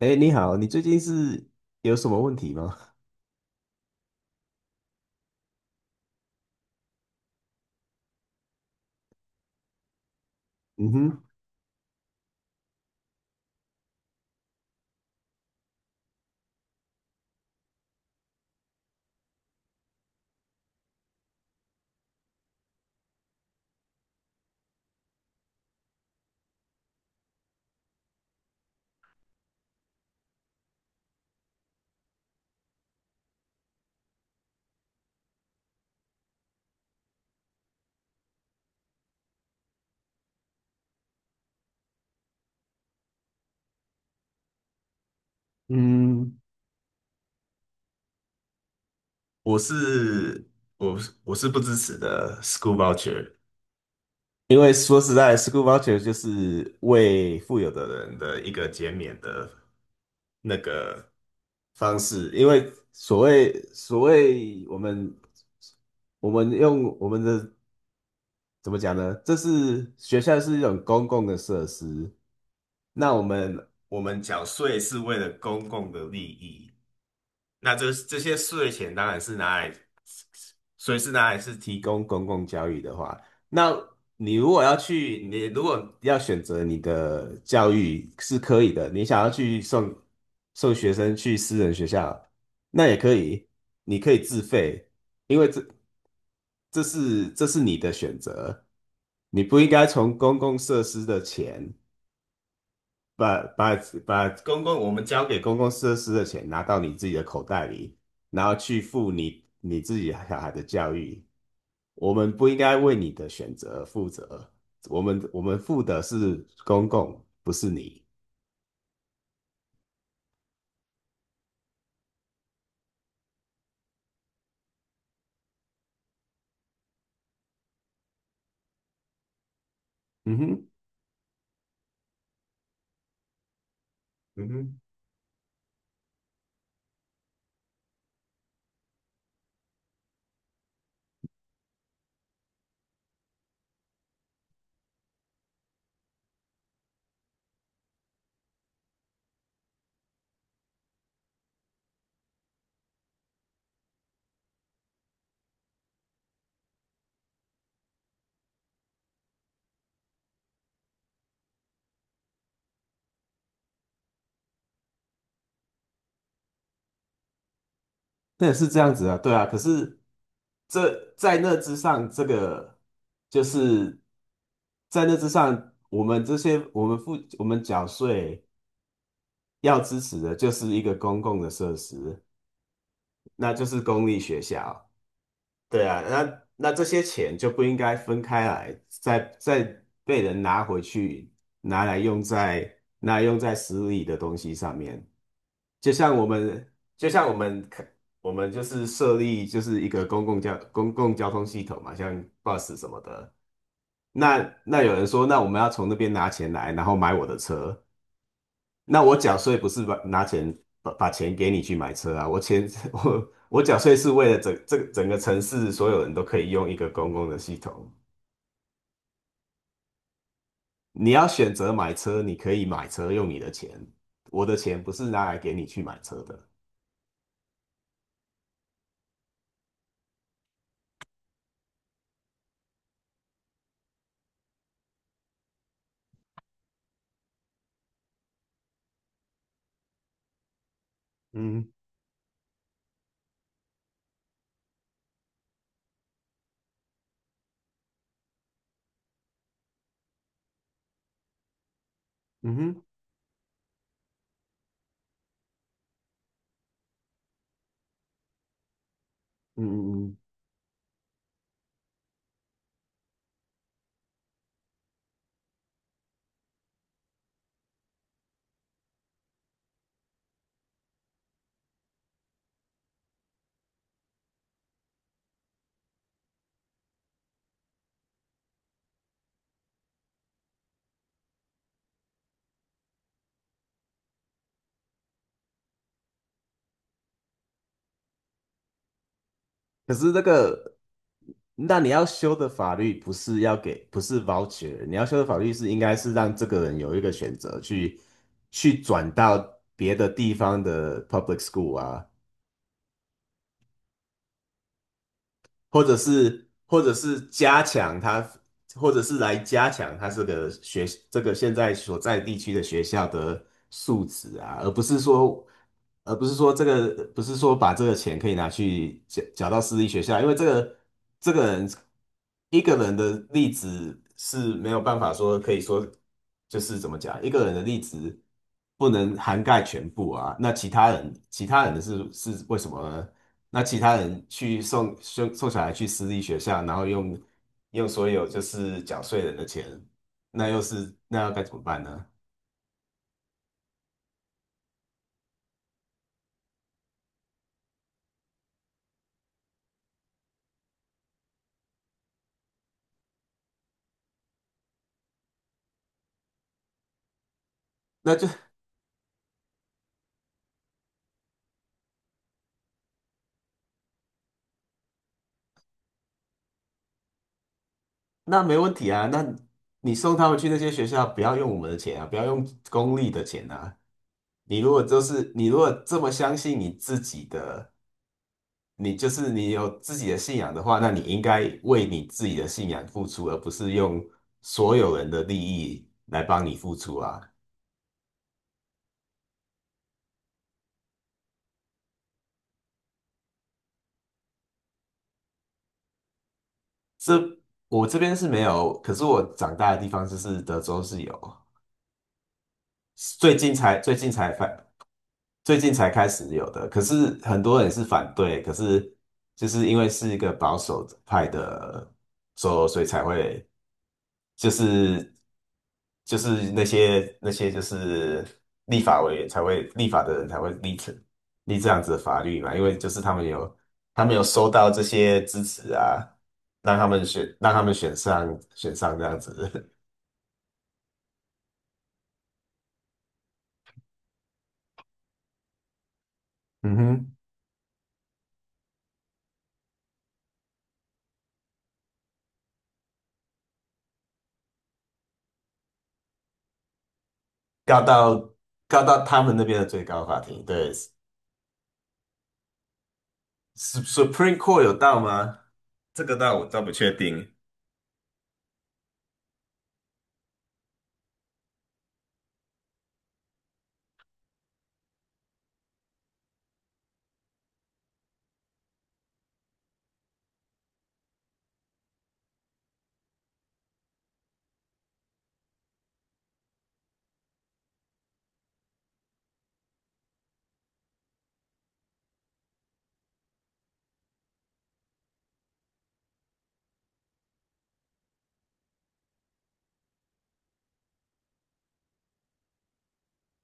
哎，你好，你最近是有什么问题吗？嗯哼。嗯，我是我是不支持的 school voucher，因为说实在，school voucher 就是为富有的人的一个减免的那个，方式，因为所谓我们用我们的怎么讲呢？这是学校是一种公共的设施，那我们缴税是为了公共的利益，那这些税钱当然是拿来所以是拿来是提供公共教育的话，那你如果要去，你如果要选择你的教育是可以的，你想要去送送学生去私人学校，那也可以，你可以自费，因为这这是你的选择，你不应该从公共设施的钱。把把把公共我们交给公共设施的钱拿到你自己的口袋里，然后去付你自己小孩的教育。我们不应该为你的选择而负责，我们负的是公共，不是你。嗯哼。嗯哼。那是这样子啊，对啊。可是这在那之上，这个就是在那之上，我们这些我们付我们缴税要支持的，就是一个公共的设施。那就是公立学校。对啊，那那这些钱就不应该分开来，再被人拿回去，拿来用在拿来用在私立的东西上面。就像我们，就像我们看我们就是设立就是一个公共交公共交通系统嘛，像 bus 什么的。那那有人说，那我们要从那边拿钱来，然后买我的车。那我缴税不是把拿钱把把钱给你去买车啊，我钱 我缴税是为了整这整个城市所有人都可以用一个公共的系统。你要选择买车，你可以买车用你的钱，我的钱不是拿来给你去买车的。嗯。嗯哼。嗯嗯嗯。可是那个，那你要修的法律不是要给，不是 voucher，你要修的法律是应该是让这个人有一个选择去去转到别的地方的 public school 啊，或者是加强他，或者是来加强他这个学这个现在所在地区的学校的素质啊，而不是说这个不是说把这个钱可以拿去缴缴到私立学校，因为这个人一个人的例子是没有办法说可以说就是怎么讲，一个人的例子不能涵盖全部啊，那其他人的是是为什么呢？那其他人去送送送小孩去私立学校，然后用用所有就是缴税人的钱，那又是那要该怎么办呢？那就那没问题啊，那你送他们去那些学校，不要用我们的钱啊，不要用公立的钱啊。你如果就是你如果这么相信你自己的，你就是你有自己的信仰的话，那你应该为你自己的信仰付出，而不是用所有人的利益来帮你付出啊。这我这边是没有，可是我长大的地方就是德州是有，最近才最近才反最近才开始有的。可是很多人是反对，可是就是因为是一个保守派的州，所以才会就是就是那些就是立法委员才会立法的人才会立成立这样子的法律嘛，因为就是他们有收到这些支持啊，让他们选让他们选上选上这样子。嗯哼。告到告到他们那边的最高法庭，对，Supreme Court 有到吗？这个倒我倒不确定，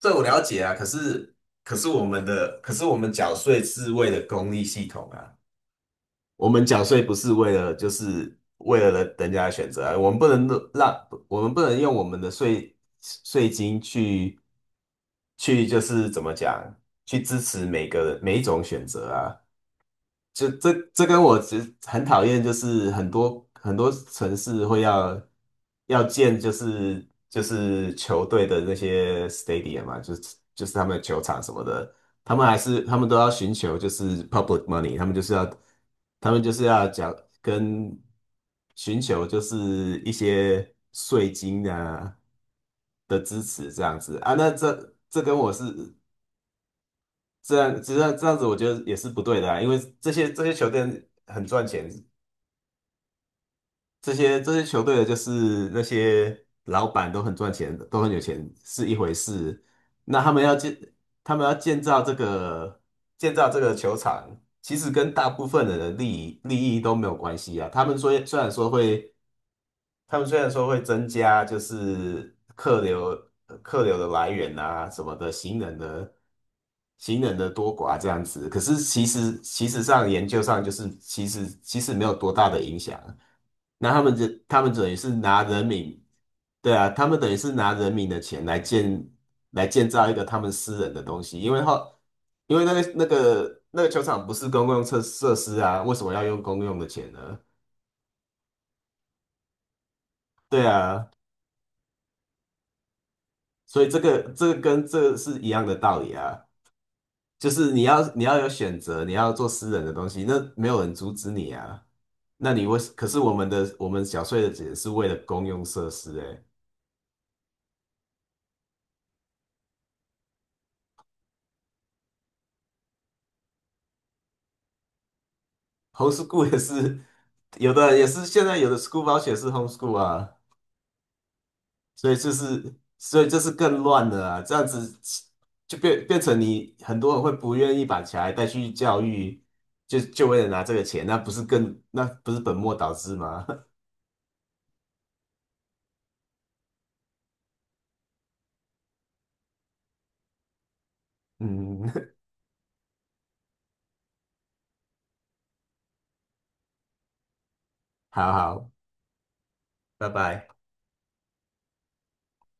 这我了解啊。可是可是我们的可是我们缴税是为了公益系统啊，我们缴税不是为了就是为了人人家的选择啊，我们不能让我们不能用我们的税税金去去就是怎么讲去支持每个每一种选择啊。就这这跟我其实很讨厌，就是很多城市会要要建，就是球队的那些 stadium 嘛，就是就是他们的球场什么的，他们还是他们都要寻求就是 public money，他们就是要他们就是要讲跟寻求就是一些税金啊的支持这样子啊，那这这跟我是这样，这样子，我觉得也是不对的啊，因为这些球队很赚钱，这些球队的就是那些老板都很赚钱，都很有钱是一回事。那他们要建，他们要建造这个建造这个球场，其实跟大部分人的利益都没有关系啊。他们说虽然说会他们虽然说会增加就是客流客流的来源啊什么的，行人的行人的多寡这样子，可是其实上研究上就是其实没有多大的影响。那他们这他们等于是拿人民，对啊，他们等于是拿人民的钱来建来建造一个他们私人的东西，因为后因为那个那个球场不是公共设设施啊，为什么要用公用的钱呢？对啊。所以这个这个跟这个是一样的道理啊，就是你要有选择，你要做私人的东西，那没有人阻止你啊。那你为，可是我们的我们缴税的钱是为了公用设施、欸，哎，homeschool 也是有的也是现在有的 school v o 是 homeschool 啊，所以就是所以这是更乱的啊，这样子就变成你很多人会不愿意把小孩带去教育，就为了拿这个钱，那不是更那不是本末倒置吗？嗯，好好，拜拜。